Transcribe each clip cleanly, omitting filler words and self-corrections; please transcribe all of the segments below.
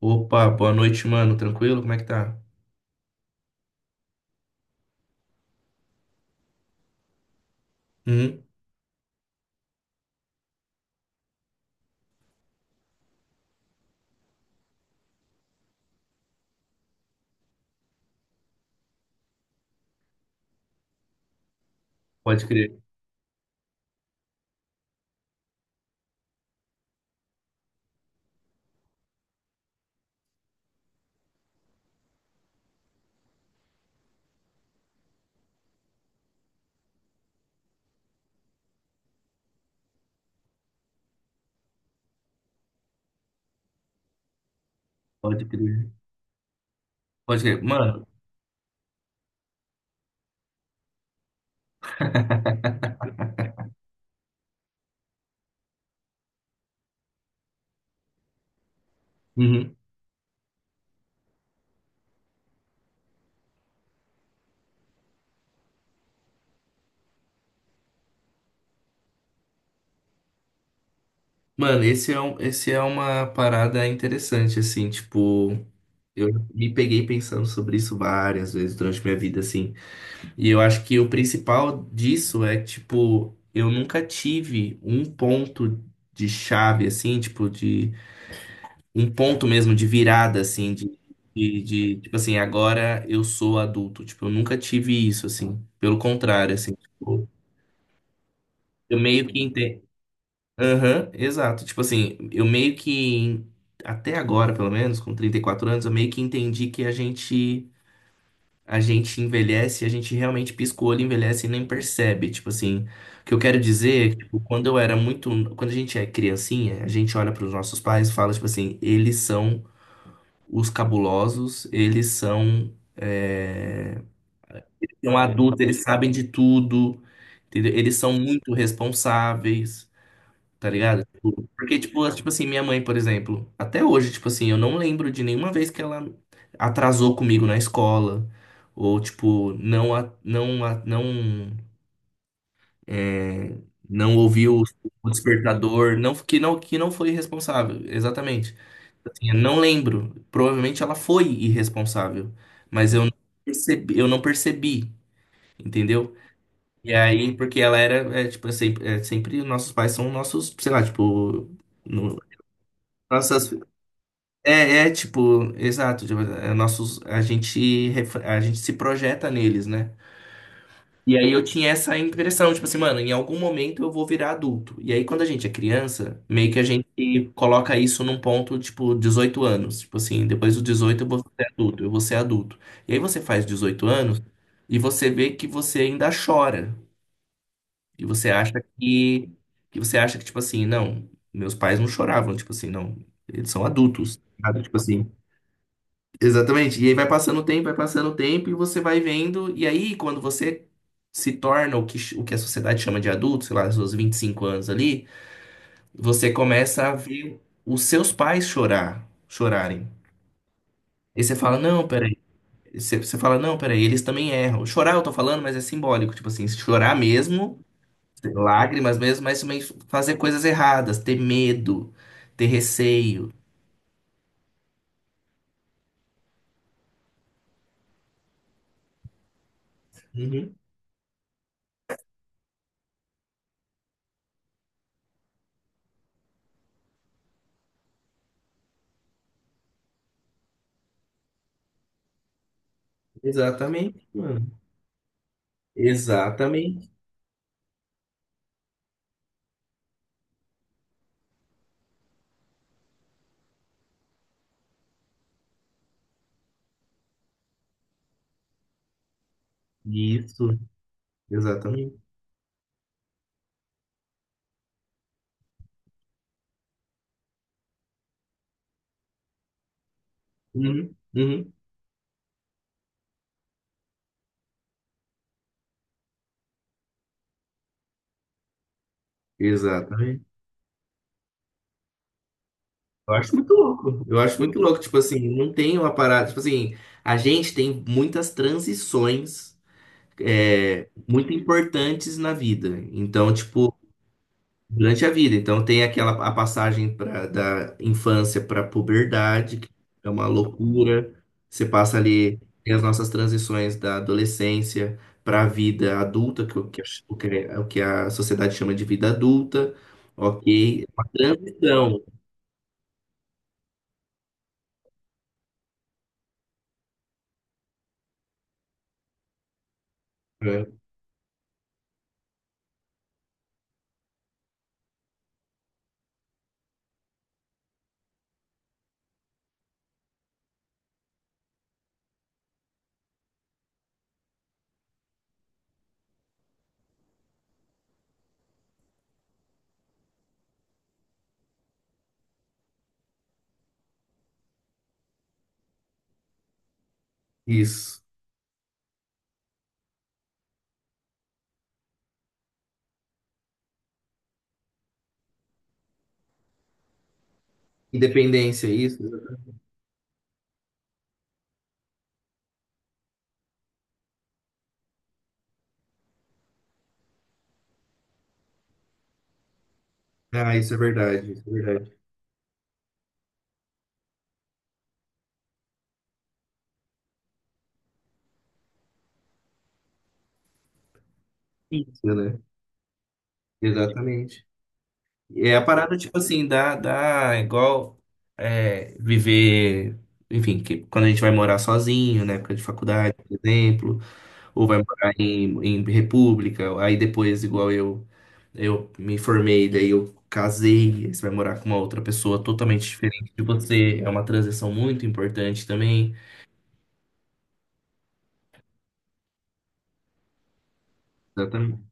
Opa, boa noite, mano. Tranquilo? Como é que tá? Uhum. Pode crer, pode crer. Pode crer. Mano, uhum. Mano, esse é uma parada interessante, assim, tipo, eu me peguei pensando sobre isso várias vezes durante minha vida, assim. E eu acho que o principal disso é, tipo, eu nunca tive um ponto de chave, assim, tipo, de um ponto mesmo de virada, assim, tipo assim, agora eu sou adulto. Tipo, eu nunca tive isso, assim. Pelo contrário, assim, tipo, eu meio que entendo. Aham, exato. Tipo assim, eu meio que, até agora, pelo menos, com 34 anos, eu meio que entendi que a gente. A gente envelhece, a gente realmente pisca o olho, envelhece e nem percebe. Tipo assim, o que eu quero dizer, é que, tipo, quando eu era muito, quando a gente é criancinha, a gente olha para os nossos pais e fala, tipo assim, eles são os cabulosos, eles são adultos, eles sabem de tudo, entendeu? Eles são muito responsáveis, tá ligado? Porque, tipo, tipo assim, minha mãe, por exemplo, até hoje, tipo assim, eu não lembro de nenhuma vez que ela atrasou comigo na escola, ou, tipo, é, não ouviu o despertador, não, que não foi responsável, exatamente. Eu não lembro. Provavelmente ela foi irresponsável, mas eu não percebi, entendeu? E aí, porque ela era, tipo, sempre nossos pais são nossos, sei lá, tipo, no- nossas, tipo, exato, tipo, nossos, a gente, a gente se projeta neles, né? E aí eu tinha essa impressão, tipo assim, mano, em algum momento eu vou virar adulto. E aí quando a gente é criança, meio que a gente coloca isso num ponto, tipo, 18 anos. Tipo assim, depois dos 18 eu vou ser adulto, eu vou ser adulto. E aí você faz 18 anos e você vê que você ainda chora. E você acha que, que você acha que, tipo assim, não, meus pais não choravam, tipo assim, não, eles são adultos, sabe? Tipo assim. Exatamente. E aí vai passando o tempo, vai passando o tempo, e você vai vendo. E aí, quando você se torna o que a sociedade chama de adulto, sei lá, seus 25 anos ali, você começa a ver os seus pais chorarem. E você fala, não, peraí. Você fala, não, peraí, eles também erram. Chorar eu tô falando, mas é simbólico. Tipo assim, chorar mesmo, ter lágrimas mesmo, mas também fazer coisas erradas, ter medo, ter receio. Uhum. Exatamente, mano. Exatamente. Isso, exatamente. Uhum, uhum, exatamente. Eu acho muito louco. Eu acho muito louco, tipo assim, não tem uma parada, tipo assim, a gente tem muitas transições muito importantes na vida. Então, tipo, durante a vida. Então tem aquela a passagem da infância para a puberdade, que é uma loucura. Você passa ali tem as nossas transições da adolescência para a vida adulta, que, o que, a- o que a sociedade chama de vida adulta. Ok, é uma transição. Né? Isso. Independência, isso. Ah, isso é verdade, isso é verdade. Isso, né? Exatamente. É a parada, tipo assim, dá igual, viver, enfim, que quando a gente vai morar sozinho, na época de faculdade, por exemplo, ou vai morar em, república, aí depois, igual eu me formei, daí eu casei, aí você vai morar com uma outra pessoa totalmente diferente de você, é uma transição muito importante também. Exatamente.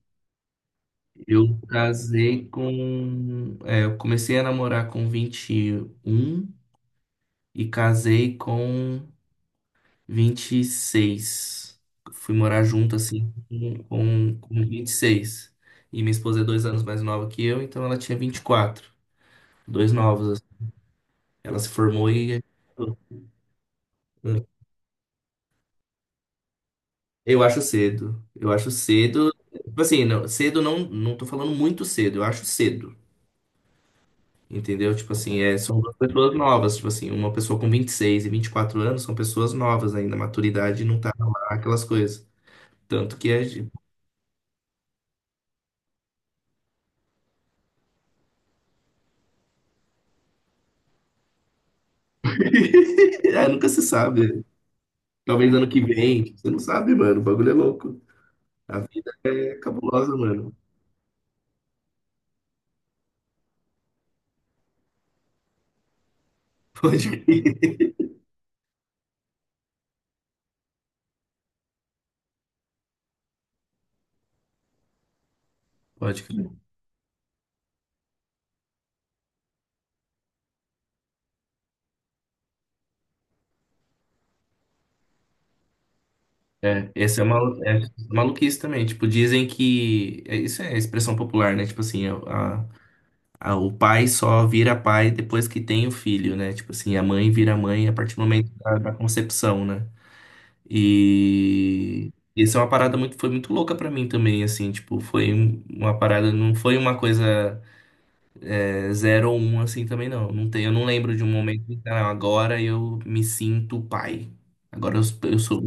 Eu comecei a namorar com 21 e casei com 26. Fui morar junto, assim, com 26. E minha esposa é 2 anos mais nova que eu, então ela tinha 24. Dois novos, assim. Ela se formou e. é, Eu acho cedo. Eu acho cedo. Tipo assim, não, cedo não, não tô falando muito cedo, eu acho cedo. Entendeu? Tipo assim, são duas pessoas novas. Tipo assim, uma pessoa com 26 e 24 anos são pessoas novas ainda. A maturidade não tá lá, aquelas coisas. Tanto que a gente. Ah, nunca se sabe. Talvez ano que vem. Você não sabe, mano. O bagulho é louco. A vida é cabulosa, mano. Pode crer. Pode crer. É, esse é, malu é maluquice também. Tipo, dizem que. Isso é expressão popular, né? Tipo assim, o pai só vira pai depois que tem o filho, né? Tipo assim, a mãe vira mãe a partir do momento da concepção, né? E. Isso é uma parada muito, foi muito louca pra mim também, assim, tipo, foi uma parada, não foi uma coisa. É, zero ou um assim também não. Não tem, eu não lembro de um momento que "Ah, agora eu me sinto pai. Agora eu sou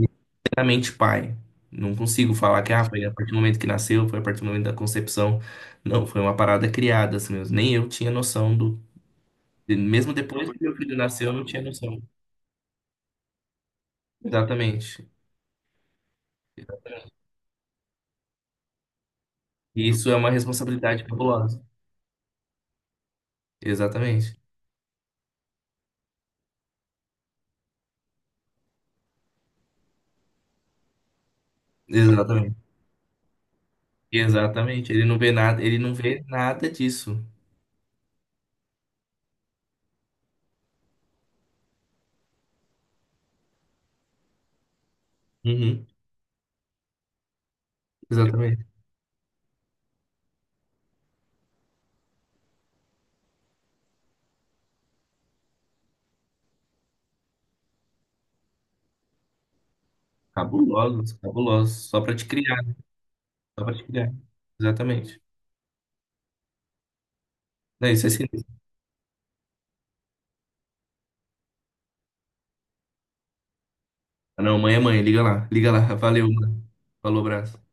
inteiramente pai. Não consigo falar que ah, foi a partir do momento que nasceu, foi a partir do momento da concepção. Não, foi uma parada criada assim mesmo. Nem eu tinha noção do. Mesmo depois que meu filho nasceu, eu não tinha noção. Exatamente. E isso é uma responsabilidade fabulosa. Exatamente. Exatamente. Exatamente. Ele não vê nada, ele não vê nada disso. Uhum. Exatamente. Cabulosos, cabulosos. Só pra te criar, só pra te criar. Exatamente. Não, isso é sinistro. Ah, não, mãe é mãe, liga lá, liga lá. Valeu, mano. Falou, abraço.